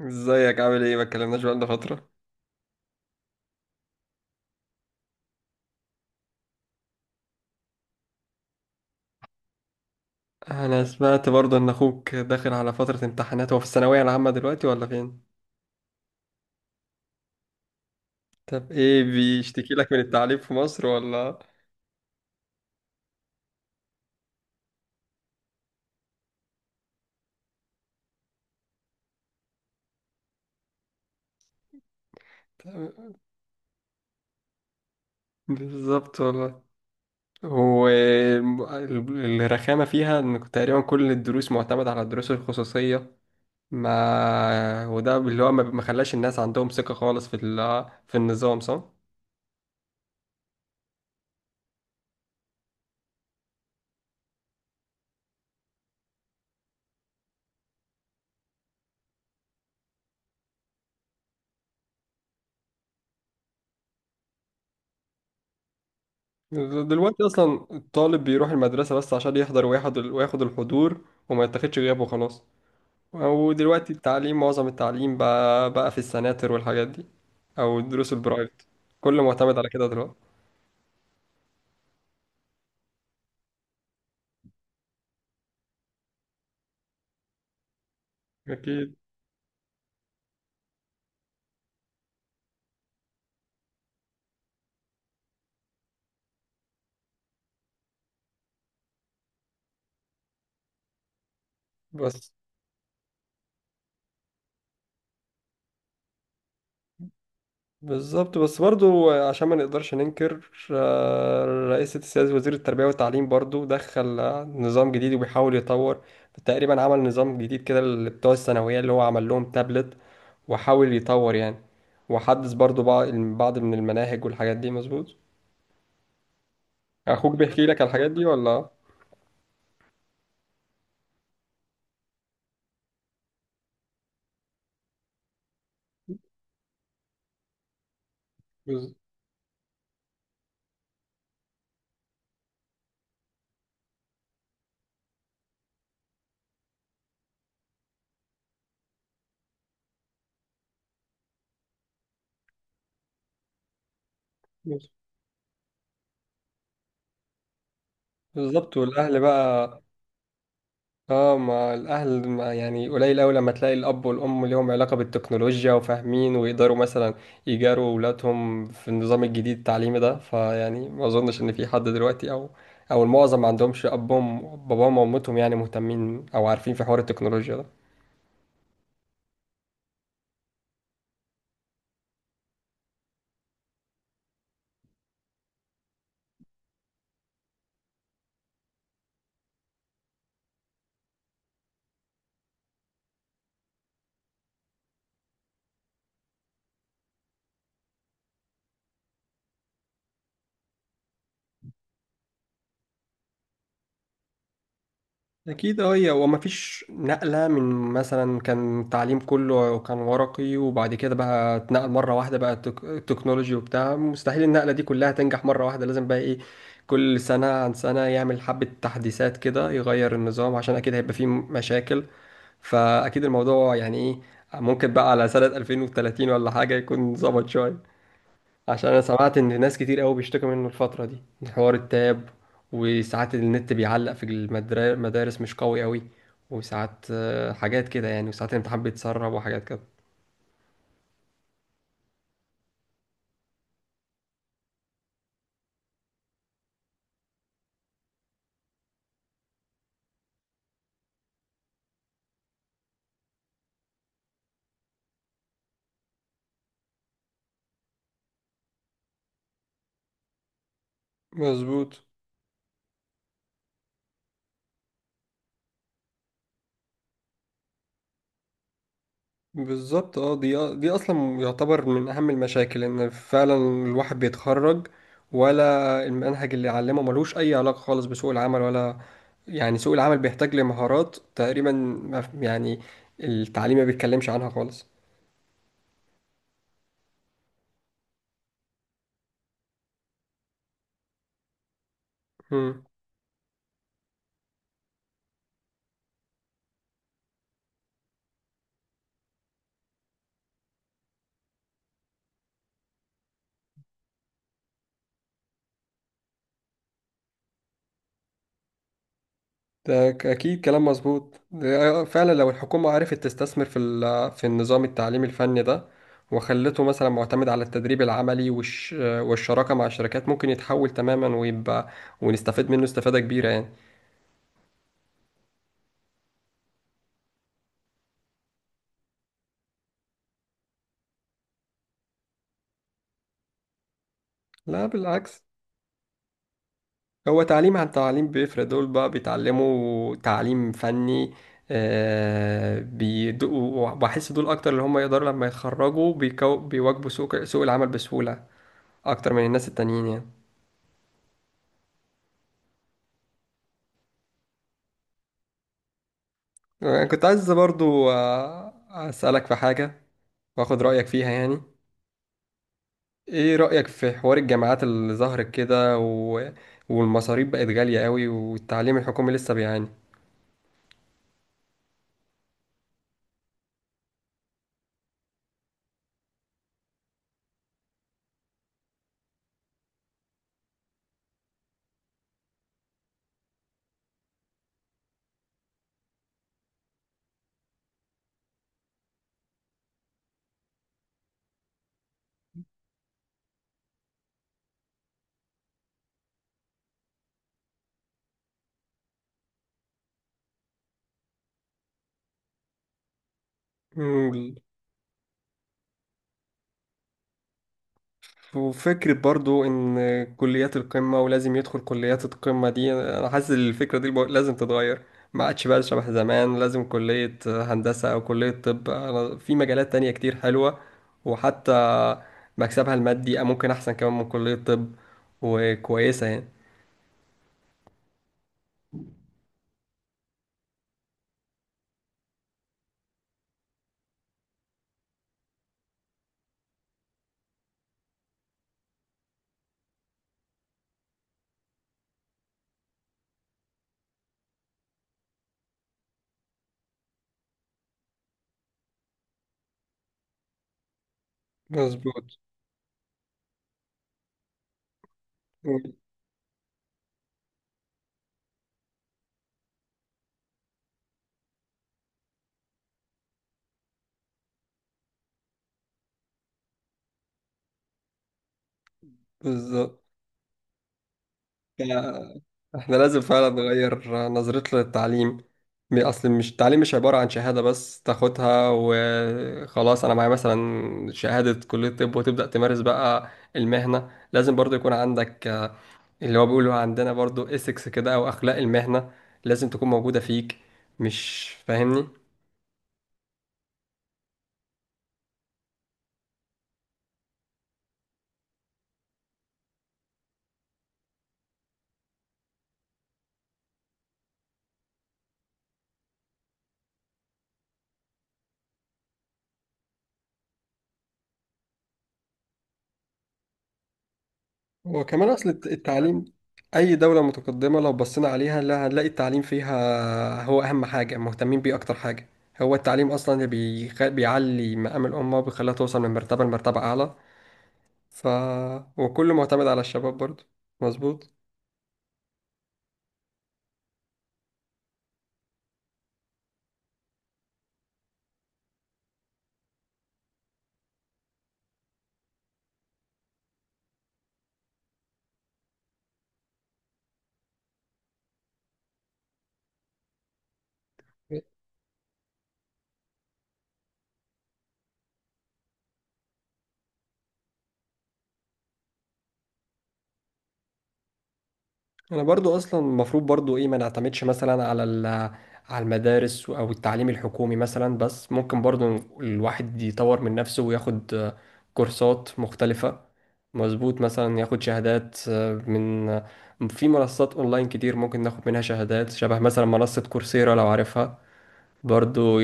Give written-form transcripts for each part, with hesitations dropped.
ازيك عامل ايه؟ ما اتكلمناش بقالنا فترة. انا سمعت برضه ان اخوك داخل على فترة امتحانات، هو في الثانوية العامة دلوقتي ولا فين؟ طب ايه بيشتكي لك من التعليم في مصر ولا؟ بالظبط والله. هو الرخامة فيها ان تقريبا كل الدروس معتمدة على الدروس الخصوصية، ما وده اللي هو ما خلاش الناس عندهم ثقة خالص في النظام، صح؟ دلوقتي اصلا الطالب بيروح المدرسة بس عشان يحضر وياخد الحضور، وما يتاخدش غيابه خلاص. ودلوقتي التعليم، معظم التعليم بقى في السناتر والحاجات دي، او الدروس البرايفت. كله معتمد على كده دلوقتي. اكيد. بس بالظبط، بس برضو عشان ما نقدرش ننكر، رئيس السياسة وزير التربية والتعليم برضو دخل نظام جديد وبيحاول يطور. تقريبا عمل نظام جديد كده اللي بتوع الثانوية، اللي هو عمل لهم تابلت وحاول يطور يعني، وحدث برضو بعض من المناهج والحاجات دي، مظبوط. اخوك بيحكي لك على الحاجات دي ولا؟ بز- بالظبط. والاهل بقى، اه ما الاهل ما يعني قليل قوي لما تلاقي الاب والام ليهم علاقه بالتكنولوجيا وفاهمين ويقدروا مثلا يجاروا اولادهم في النظام الجديد التعليمي ده. فيعني ما اظنش ان في حد دلوقتي، او المعظم ما عندهمش ابهم باباهم وامتهم يعني مهتمين او عارفين في حوار التكنولوجيا ده. أكيد أه، هي وما فيش نقلة من، مثلا كان تعليم كله كان ورقي، وبعد كده بقى اتنقل مرة واحدة بقى تكنولوجي وبتاع. مستحيل النقلة دي كلها تنجح مرة واحدة، لازم بقى إيه، كل سنة عن سنة يعمل حبة تحديثات كده يغير النظام، عشان أكيد هيبقى فيه مشاكل. فأكيد الموضوع يعني إيه، ممكن بقى على سنة 2030 ولا حاجة يكون ظبط شوية، عشان انا سمعت ان ناس كتير قوي بيشتكوا منه الفترة دي، حوار التاب. وساعات النت بيعلق في المدارس، مش قوي قوي. وساعات حاجات كده يعني، وساعات الامتحان بيتسرب وحاجات كده. مظبوط، بالظبط اه. دي اصلا يعتبر من اهم المشاكل، ان فعلا الواحد بيتخرج، ولا المنهج اللي علمه ملوش اي علاقة خالص بسوق العمل ولا. يعني سوق العمل بيحتاج لمهارات تقريبا ما يعني التعليم ما بيتكلمش عنها خالص. مم. أكيد كلام مظبوط. ده فعلا لو الحكومة عرفت تستثمر في النظام التعليمي الفني ده، وخلته مثلا معتمد على التدريب العملي والشراكة مع الشركات، ممكن يتحول تماما ويبقى، ونستفيد منه استفادة كبيرة يعني. لا بالعكس، هو تعليم عن تعليم بيفرق. دول بقى بيتعلموا تعليم فني. وبحس دول أكتر اللي هم يقدروا لما يتخرجوا بيواجهوا سوق العمل بسهولة أكتر من الناس التانيين يعني. أنا كنت عايز برضو أسألك في حاجة وآخد رأيك فيها يعني. إيه رأيك في حوار الجامعات اللي ظهرت كده والمصاريف بقت غالية قوي والتعليم الحكومي لسه بيعاني؟ وفكرة برضو إن كليات القمة، ولازم يدخل كليات القمة دي، أنا حاسس إن الفكرة دي لازم تتغير. ما عادش بقى شبه زمان لازم كلية هندسة أو كلية طب. أنا في مجالات تانية كتير حلوة، وحتى مكسبها المادي ممكن أحسن كمان من كلية طب، وكويسة يعني. مظبوط، بالظبط. ف- احنا لازم فعلا نغير نظرتنا للتعليم. اصل مش التعليم مش عبارة عن شهادة بس تاخدها وخلاص. انا معايا مثلا شهادة كلية طب وتبدأ تمارس بقى المهنة، لازم برضو يكون عندك اللي هو بيقولوا عندنا برضو اسكس كده او اخلاق المهنة، لازم تكون موجودة فيك. مش فاهمني؟ وكمان أصل التعليم، أي دولة متقدمة لو بصينا عليها، لا هنلاقي التعليم فيها هو أهم حاجة، مهتمين بيه أكتر حاجة. هو التعليم أصلا اللي بيعلي مقام الأمة وبيخليها توصل من مرتبة لمرتبة أعلى. ف وكله معتمد على الشباب برضه. مظبوط. انا برضو اصلا المفروض برضو ايه، ما نعتمدش مثلا على المدارس او التعليم الحكومي مثلا بس، ممكن برضو الواحد يطور من نفسه وياخد كورسات مختلفة. مظبوط، مثلا ياخد شهادات من في منصات اونلاين كتير ممكن ناخد منها شهادات. شبه مثلا منصة كورسيرا، لو عارفها برضو.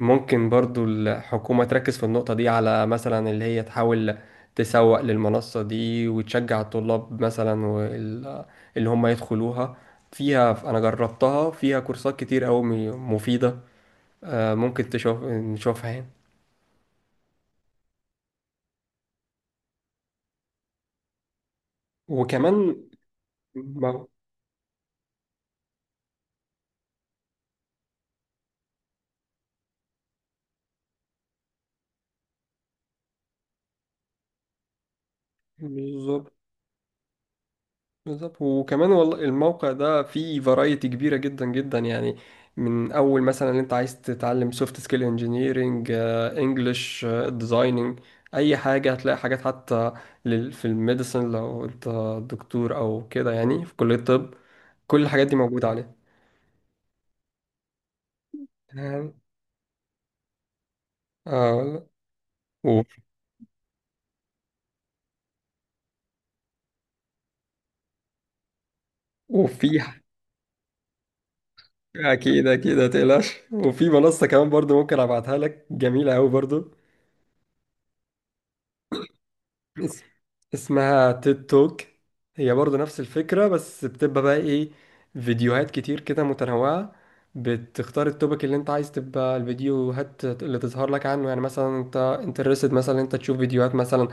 ممكن برضو الحكومة تركز في النقطة دي، على مثلا اللي هي تحاول تسوق للمنصة دي وتشجع الطلاب مثلا اللي هم يدخلوها. فيها أنا جربتها، فيها كورسات كتير أوي مفيدة. ممكن تشوف نشوفها يعني. وكمان ما- بالظبط، بالظبط. وكمان والله الموقع ده فيه فرايتي كبيرة جدا جدا يعني، من أول مثلا اللي أنت عايز تتعلم سوفت سكيل، انجينيرنج، انجلش، ديزايننج، أي حاجة هتلاقي حاجات. حتى في الميديسن لو أنت دكتور أو كده يعني في كلية الطب، كل الحاجات دي موجودة عليه. تمام. اه والله. و- وفي، أكيد أكيد متقلقش، وفي منصة كمان برضو ممكن أبعتها لك جميلة أوي برضو. اس... اسمها تيد توك، هي برضو نفس الفكرة بس بتبقى بقى ايه، فيديوهات كتير كده متنوعة، بتختار التوبيك اللي انت عايز تبقى الفيديوهات اللي تظهر لك عنه. يعني مثلا انت انترستد مثلا انت تشوف فيديوهات مثلا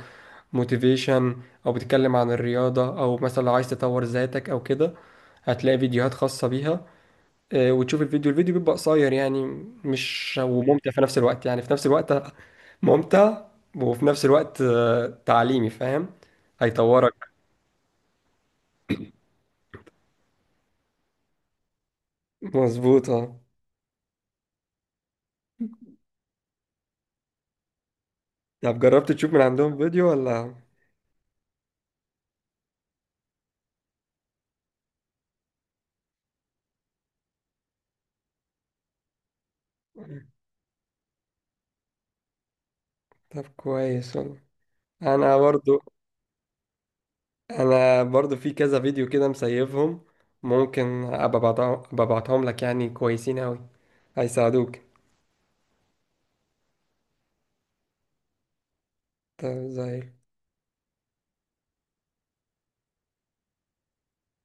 موتيفيشن، او بتتكلم عن الرياضة، او مثلا لو عايز تطور ذاتك او كده هتلاقي فيديوهات خاصة بيها. وتشوف الفيديو، بيبقى قصير يعني، مش، وممتع في نفس الوقت، يعني في نفس الوقت ممتع وفي نفس الوقت تعليمي، فاهم، هيطورك. مظبوط اه. طب جربت تشوف من عندهم فيديو ولا؟ طب كويس والله. انا برضو انا برضو في كذا فيديو كده مسيفهم، ممكن ابقى أبعتهم أبقى أبعتهم لك، يعني كويسين اوي هيساعدوك. طب زي،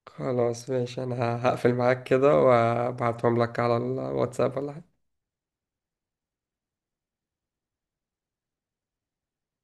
خلاص ماشي انا هقفل معاك كده وابعتهم لك على الواتساب ولا؟